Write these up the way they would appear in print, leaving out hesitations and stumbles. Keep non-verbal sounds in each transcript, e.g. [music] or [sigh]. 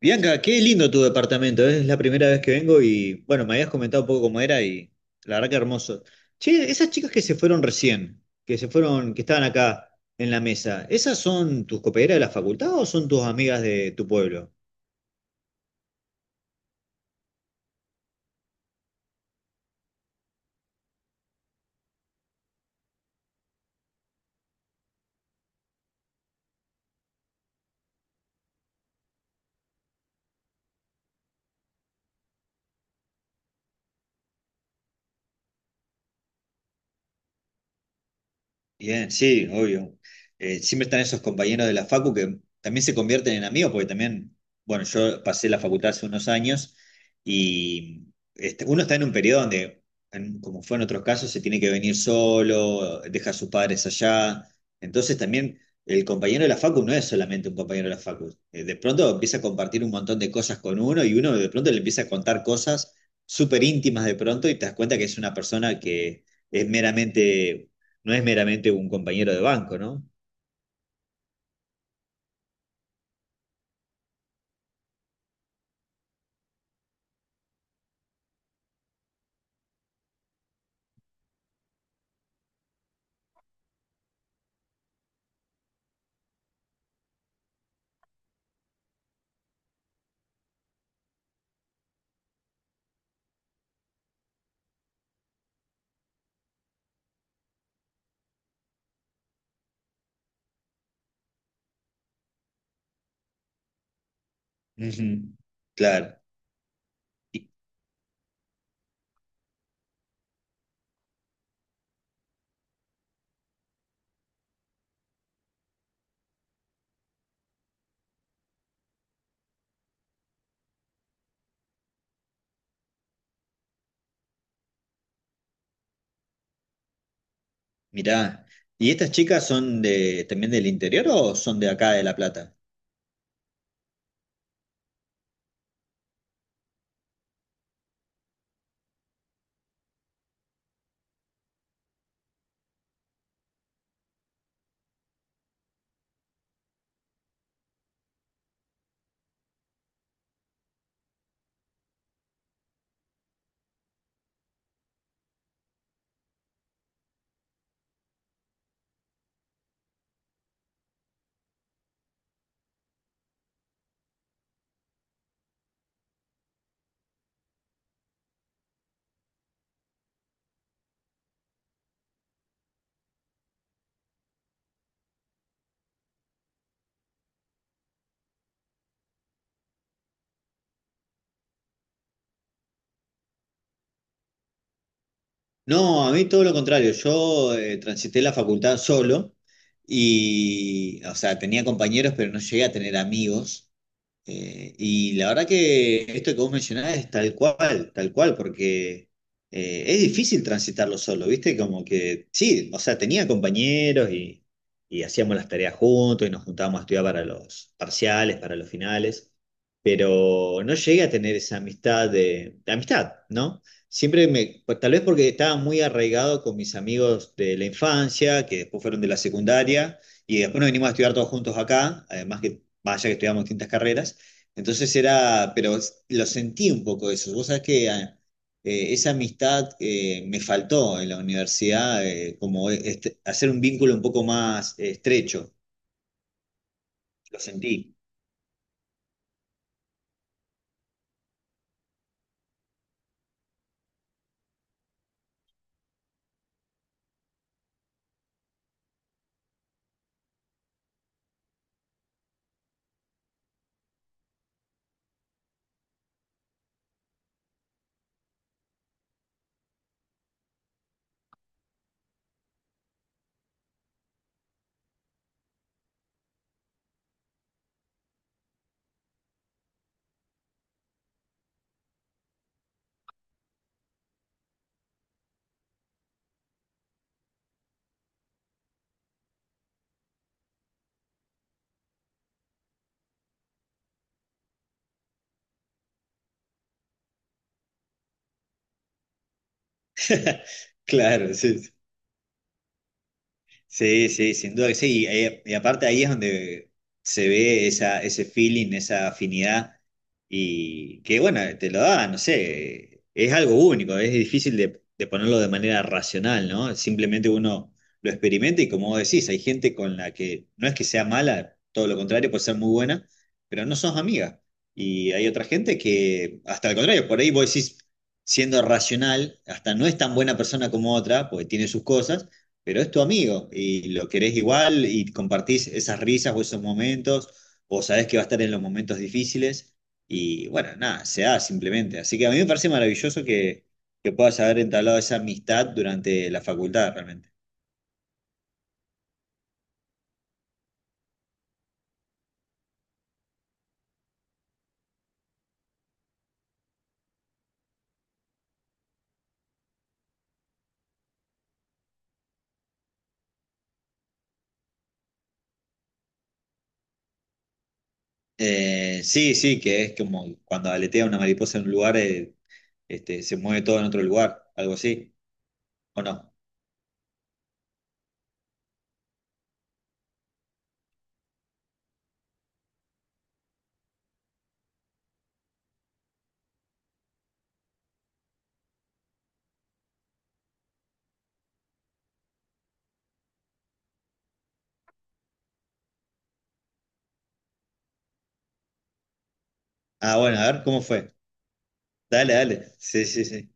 Bianca, qué lindo tu departamento, ¿eh? Es la primera vez que vengo y bueno, me habías comentado un poco cómo era y la verdad que hermoso. Che, esas chicas que se fueron recién, que estaban acá en la mesa, ¿esas son tus coperas de la facultad o son tus amigas de tu pueblo? Bien, sí, obvio. Siempre están esos compañeros de la facu que también se convierten en amigos, porque también, bueno, yo pasé la facultad hace unos años y uno está en un periodo donde, como fue en otros casos, se tiene que venir solo, deja a sus padres allá. Entonces también el compañero de la facu no es solamente un compañero de la facu. De pronto empieza a compartir un montón de cosas con uno y uno de pronto le empieza a contar cosas súper íntimas de pronto y te das cuenta que es una persona que es meramente no es meramente un compañero de banco, ¿no? Ujú. Claro. Y, mirá, ¿y estas chicas son de, también del interior o son de acá de La Plata? No, a mí todo lo contrario. Yo transité la facultad solo y, o sea, tenía compañeros, pero no llegué a tener amigos. Y la verdad que esto que vos mencionás es tal cual, porque es difícil transitarlo solo, ¿viste? Como que sí, o sea, tenía compañeros y hacíamos las tareas juntos y nos juntábamos a estudiar para los parciales, para los finales, pero no llegué a tener esa amistad de amistad, ¿no? Siempre me, pues, tal vez porque estaba muy arraigado con mis amigos de la infancia, que después fueron de la secundaria, y después nos vinimos a estudiar todos juntos acá, además que, vaya que estudiamos distintas carreras. Entonces era, pero lo sentí un poco eso. Vos sabés que esa amistad me faltó en la universidad, como hacer un vínculo un poco más estrecho. Lo sentí. [laughs] Claro, sí. Sí. Sí, sí, sin duda que sí. Y aparte ahí es donde se ve esa, ese feeling, esa afinidad, y que bueno, te lo da, no sé, es algo único, es difícil de ponerlo de manera racional, ¿no? Simplemente uno lo experimenta y como vos decís, hay gente con la que no es que sea mala, todo lo contrario, puede ser muy buena, pero no sos amiga. Y hay otra gente que, hasta el contrario, por ahí vos decís, siendo racional, hasta no es tan buena persona como otra, porque tiene sus cosas pero es tu amigo y lo querés igual y compartís esas risas o esos momentos, o sabés que va a estar en los momentos difíciles y bueno, nada, se da simplemente. Así que a mí me parece maravilloso que puedas haber entablado esa amistad durante la facultad realmente. Sí, sí, que es como cuando aletea una mariposa en un lugar, se mueve todo en otro lugar, algo así, ¿o no? Ah, bueno, a ver, ¿cómo fue? Dale, dale. Sí, sí, sí.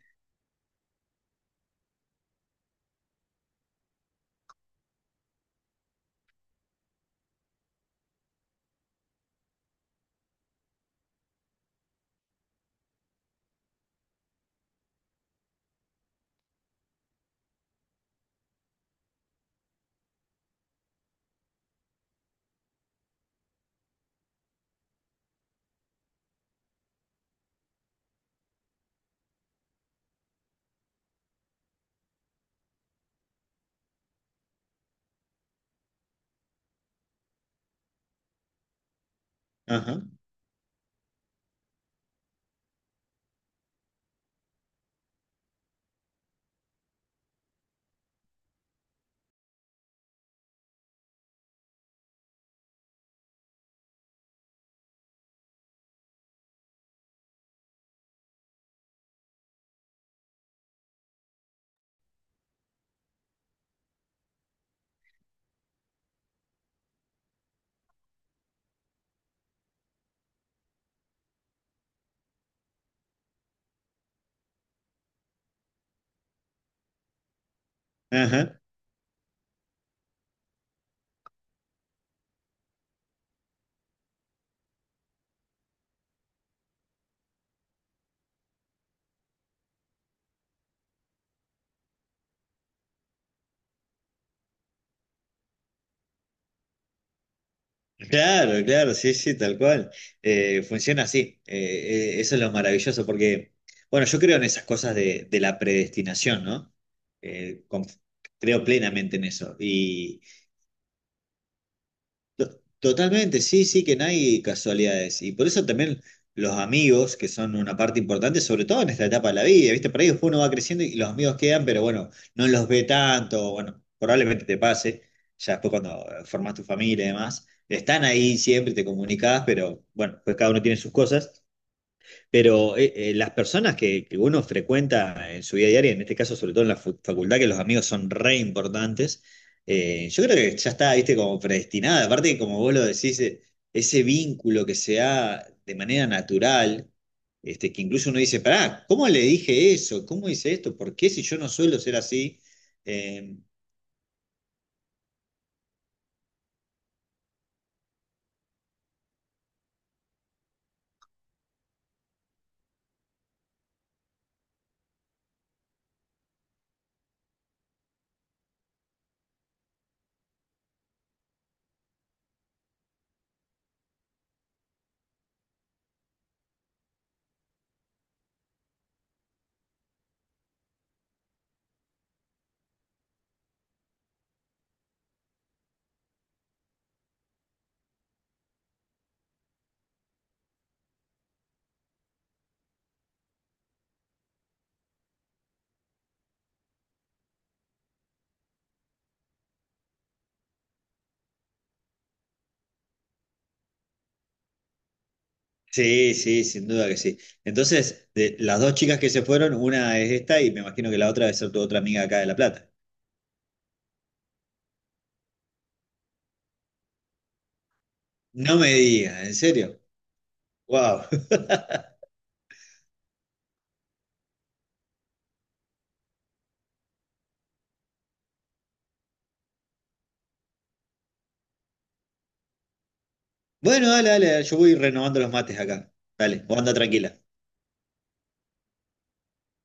Ajá, ajá. Claro, claro, sí, sí, tal cual. Funciona así. Eso es lo maravilloso, porque, bueno, yo creo en esas cosas de la predestinación, ¿no? Eh, conf- creo plenamente en eso. Totalmente, sí, sí, que no hay casualidades. Y por eso también los amigos, que son una parte importante, sobre todo en esta etapa de la vida, ¿viste? Por ahí después uno va creciendo y los amigos quedan, pero bueno, no los ve tanto, bueno, probablemente te pase, ya después cuando formas tu familia y demás, están ahí siempre, te comunicás, pero bueno, pues cada uno tiene sus cosas. Pero las personas que uno frecuenta en su vida diaria, en este caso sobre todo en la facultad, que los amigos son re importantes, yo creo que ya está, viste, como predestinada. Aparte, como vos lo decís, ese vínculo que se da de manera natural, que incluso uno dice, pará, ¿cómo le dije eso? ¿Cómo hice esto? ¿Por qué si yo no suelo ser así? Eh, sí, sí, sin duda que sí. Entonces, de las dos chicas que se fueron, una es esta y me imagino que la otra debe ser tu otra amiga acá de La Plata. No me digas, ¿en serio? Wow. [laughs] Bueno, dale, dale, yo voy renovando los mates acá. Dale, vos anda tranquila.